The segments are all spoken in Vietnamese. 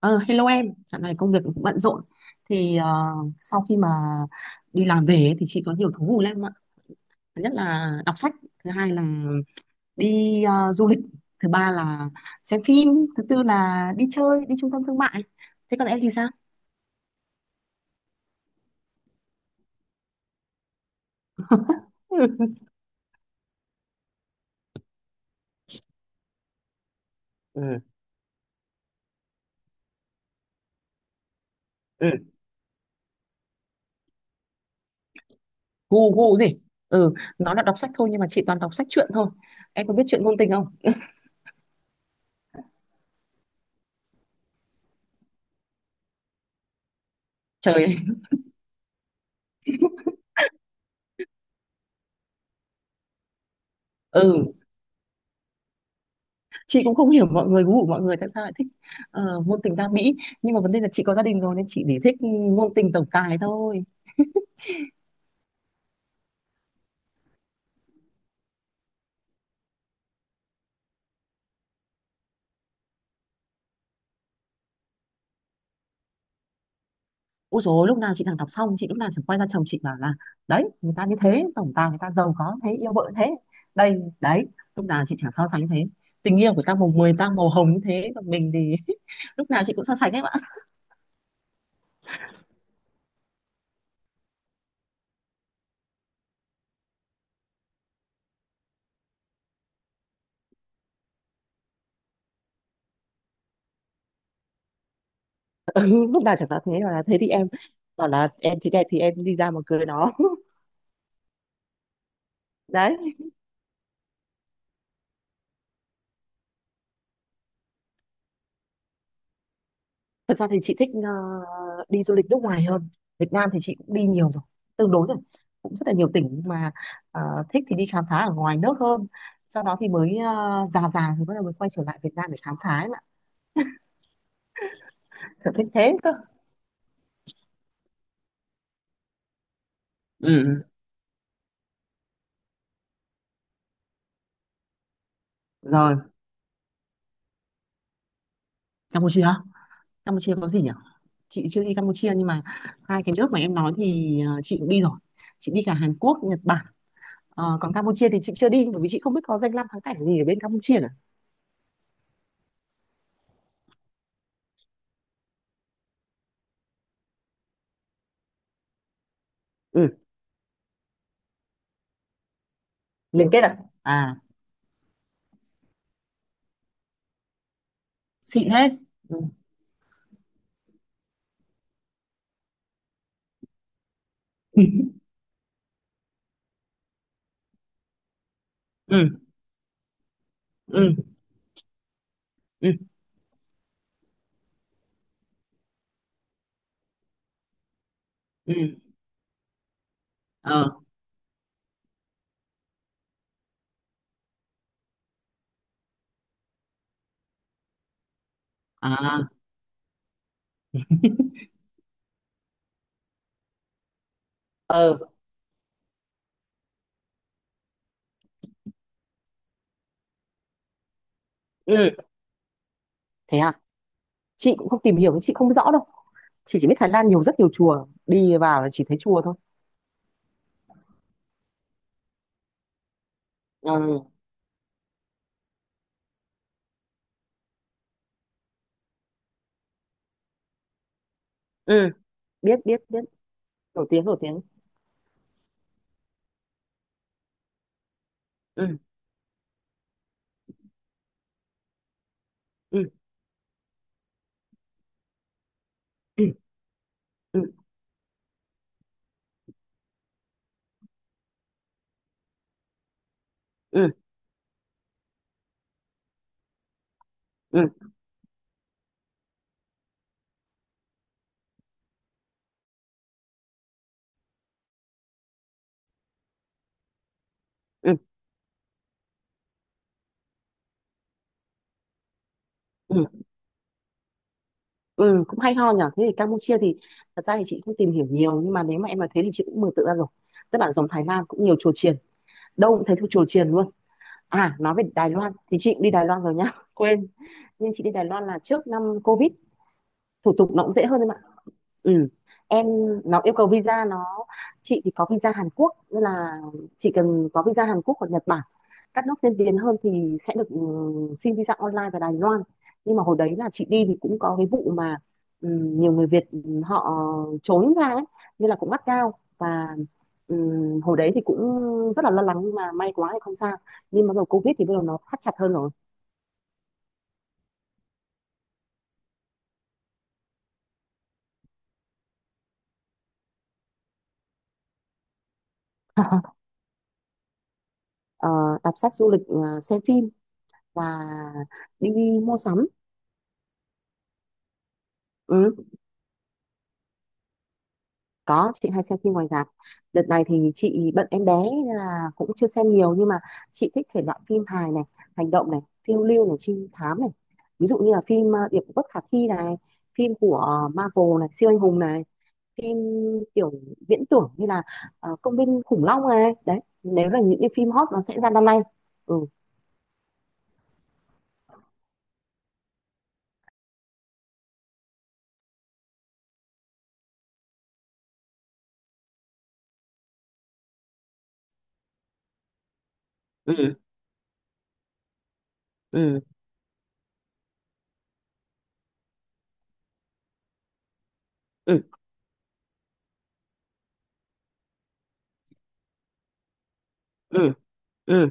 Ờ, Hello em, dạo này công việc cũng bận rộn. Thì sau khi mà đi làm về ấy, thì chị có nhiều thú vui lắm ạ. Thứ nhất là đọc sách, thứ hai là đi du lịch, thứ ba là xem phim, thứ tư là đi chơi, đi trung tâm thương mại. Thế còn em thì sao? Ừ, ừ, ừ. Gu gu gì? Ừ, nó là đọc sách thôi nhưng mà chị toàn đọc sách truyện thôi. Em có biết truyện ngôn tình không? Trời, ơi. Ừ. Chị cũng không hiểu mọi người, gu của mọi người tại sao lại thích ngôn tình ca mỹ. Nhưng mà vấn đề là chị có gia đình rồi nên chị để thích ngôn tình tổng tài thôi. Ôi dồi ôi, lúc nào chị thằng đọc xong chị lúc nào chẳng quay ra chồng chị bảo là đấy, người ta như thế, tổng tài người ta giàu có thế, yêu vợ thế, đây đấy, lúc nào chị chẳng so sánh thế. Tình yêu của ta màu mười ta màu hồng như thế còn mình thì lúc nào chị cũng so sánh em ạ. Ừ, lúc nào chẳng nói thế, bảo là thế thì em bảo là em thì đẹp thì em đi ra mà cưới nó. Đấy. Thật ra thì chị thích đi du lịch nước ngoài hơn. Việt Nam thì chị cũng đi nhiều rồi, tương đối rồi. Cũng rất là nhiều tỉnh nhưng mà ờ, thích thì đi khám phá ở ngoài nước hơn. Sau đó thì mới già già thì bắt đầu mới quay trở lại Việt Nam để khám phá ấy mà. Sở thích thế cơ. Ừ, ừ. Rồi. Campuchia. Campuchia có gì nhỉ? Chị chưa đi Campuchia nhưng mà hai cái nước mà em nói thì chị cũng đi rồi. Chị đi cả Hàn Quốc, Nhật Bản. Còn Campuchia thì chị chưa đi bởi vì chị không biết có danh lam thắng cảnh gì ở bên Campuchia nữa. Ừ, liên kết à? À, xịn thế. Ừ. Ừ. Ừ. Ừ. Ừ. Ừ. Ờ. À. Ờ. Ừ. Thế à? Chị cũng không tìm hiểu, chị không rõ đâu. Chị chỉ biết Thái Lan nhiều, rất nhiều chùa, đi vào là chỉ thấy chùa thôi. Ừ. Ừ. Biết, biết, biết. Nổi tiếng, nổi tiếng. Ừ. Ừ. Ừ. Ừ. Ừ. Ừ. Ừ. Ừ. Ừ. Cũng hay ho nhỉ. Thế thì Campuchia thì thật ra thì chị không tìm hiểu nhiều nhưng mà nếu mà em nói thế thì chị cũng mường tượng ra rồi. Tức là giống Thái Lan, cũng nhiều chùa chiền, đâu cũng thấy chùa chiền luôn. À, nói về Đài Loan thì chị cũng đi Đài Loan rồi nhá. Quên. Nên chị đi Đài Loan là trước năm Covid, thủ tục nó cũng dễ hơn em ạ. Ừ. Em, nó yêu cầu visa, nó, chị thì có visa Hàn Quốc nên là chỉ cần có visa Hàn Quốc hoặc Nhật Bản, các nước tiên tiến hơn thì sẽ được ừ, xin visa online vào Đài Loan. Nhưng mà hồi đấy là chị đi thì cũng có cái vụ mà ừ, nhiều người Việt ừ, họ trốn ra ấy nên là cũng gắt gao, và ừ, hồi đấy thì cũng rất là lo lắng nhưng mà may quá thì không sao. Nhưng mà bắt đầu Covid thì bắt đầu nó thắt chặt hơn rồi. Ờ, đọc sách, du lịch, xem phim, và đi mua sắm. Ừ, có, chị hay xem phim ngoài rạp. Đợt này thì chị bận em bé nên là cũng chưa xem nhiều nhưng mà chị thích thể loại phim hài này, hành động này, phiêu lưu này, trinh thám này, ví dụ như là phim Điệp Vụ Bất Khả Thi này, phim của Marvel này, siêu anh hùng này, phim kiểu viễn tưởng như là công viên khủng long này đấy, nếu là những cái phim hot nó sẽ ra năm nay. Ừ. Ừ. Ừ. Ừ. Ừ.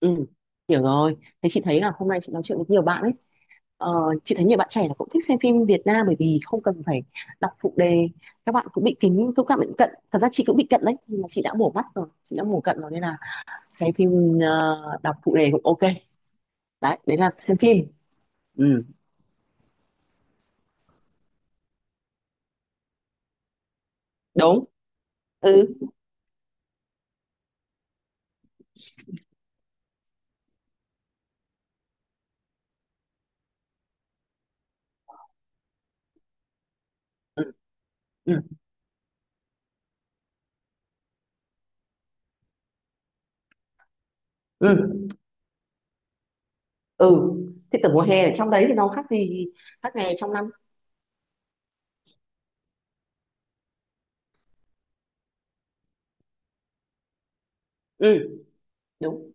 Ừ, hiểu rồi. Thế chị thấy là hôm nay chị nói chuyện với nhiều bạn ấy. Ờ, chị thấy nhiều bạn trẻ là cũng thích xem phim Việt Nam bởi vì không cần phải đọc phụ đề, các bạn cũng bị kính, cũng các bạn bị cận, thật ra chị cũng bị cận đấy nhưng mà chị đã bổ mắt rồi, chị đã mổ cận rồi nên là xem phim đọc phụ đề cũng ok. Đấy, đấy là xem phim. Ừ, đúng. Ừ. Ừ. Ừ. Ừ, ừ. Thì tầm mùa hè ở trong đấy thì nó khác gì khác ngày trong năm? Ừ, đúng.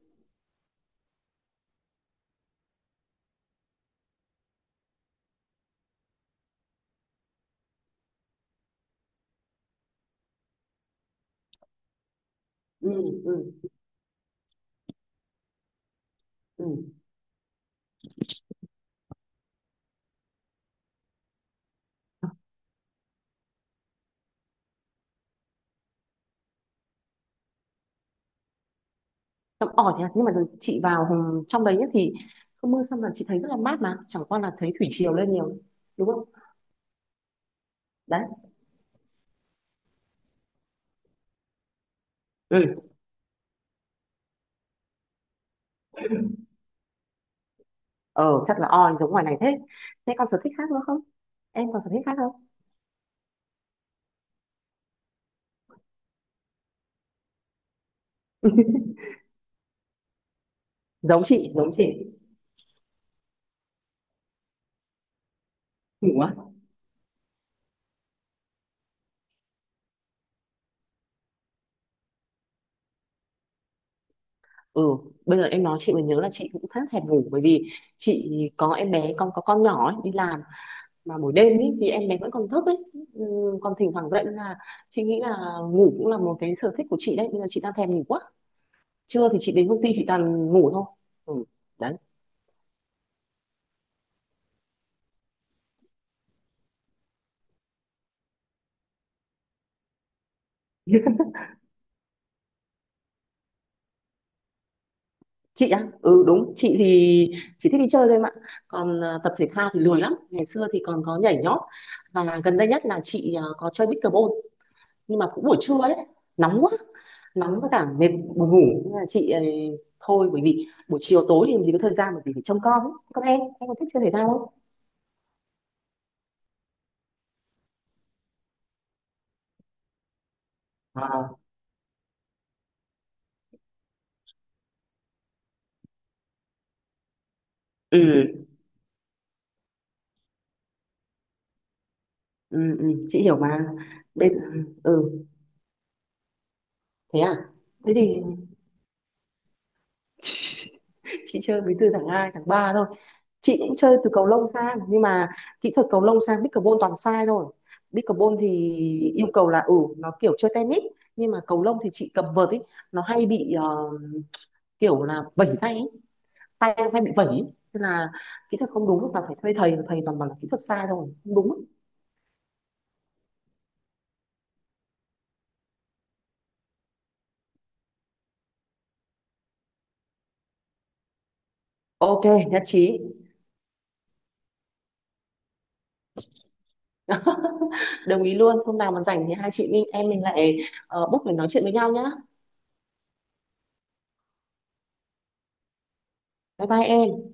Ừ. Ừ. Ừ. Tầm ỏi thì, nhưng mà chị vào trong đấy nhá thì không, mưa xong là chị thấy rất là mát mà chẳng qua là thấy thủy triều lên nhiều, đúng không? Đấy. Ừ. ờ Chắc là oi giống ngoài này thế. Thế còn sở thích khác nữa không, em còn sở thích khác không? Giống chị, giống chị. Ngủ á? Ừ, bây giờ em nói chị mới nhớ là chị cũng khá thèm ngủ bởi vì chị có em bé con, có con nhỏ ấy, đi làm mà buổi đêm ấy, thì em bé vẫn còn thức ấy, ừ, còn thỉnh thoảng dậy nên là chị nghĩ là ngủ cũng là một cái sở thích của chị đấy, bây giờ chị đang thèm ngủ quá. Trưa thì chị đến công ty chị toàn ngủ thôi. Ừ, đấy. Chị á, ừ, đúng, chị thì chỉ thích đi chơi thôi em ạ. Còn tập thể thao thì lười lắm, ngày xưa thì còn có nhảy nhót, và gần đây nhất là chị có chơi pickleball. Nhưng mà cũng buổi trưa ấy, nóng quá, nóng với cả mệt, buồn ngủ nên là chị thôi, bởi vì buổi chiều tối thì làm gì có thời gian bởi vì phải trông con ấy. Còn em có thích chơi thể thao không? À, ừ, ừ, ừ, chị hiểu mà. Bây giờ, ừ, thế à? Thế thì chị chơi đến từ tháng 2, tháng 3 thôi. Chị cũng chơi từ cầu lông sang nhưng mà kỹ thuật cầu lông sang pickleball toàn sai thôi. Pickleball thì yêu cầu là ừ, nó kiểu chơi tennis, nhưng mà cầu lông thì chị cầm vợt ấy, nó hay bị kiểu là vẩy tay ấy. Tay nó hay bị vẩy ấy. Nên là kỹ thuật không đúng, toàn phải thuê thầy, thầy toàn bảo là kỹ thuật sai thôi, không đúng. Ok, nhất trí. Đồng ý luôn, hôm nào mà rảnh thì hai chị mình em mình lại book để nói chuyện với nhau nhá. Bye bye em.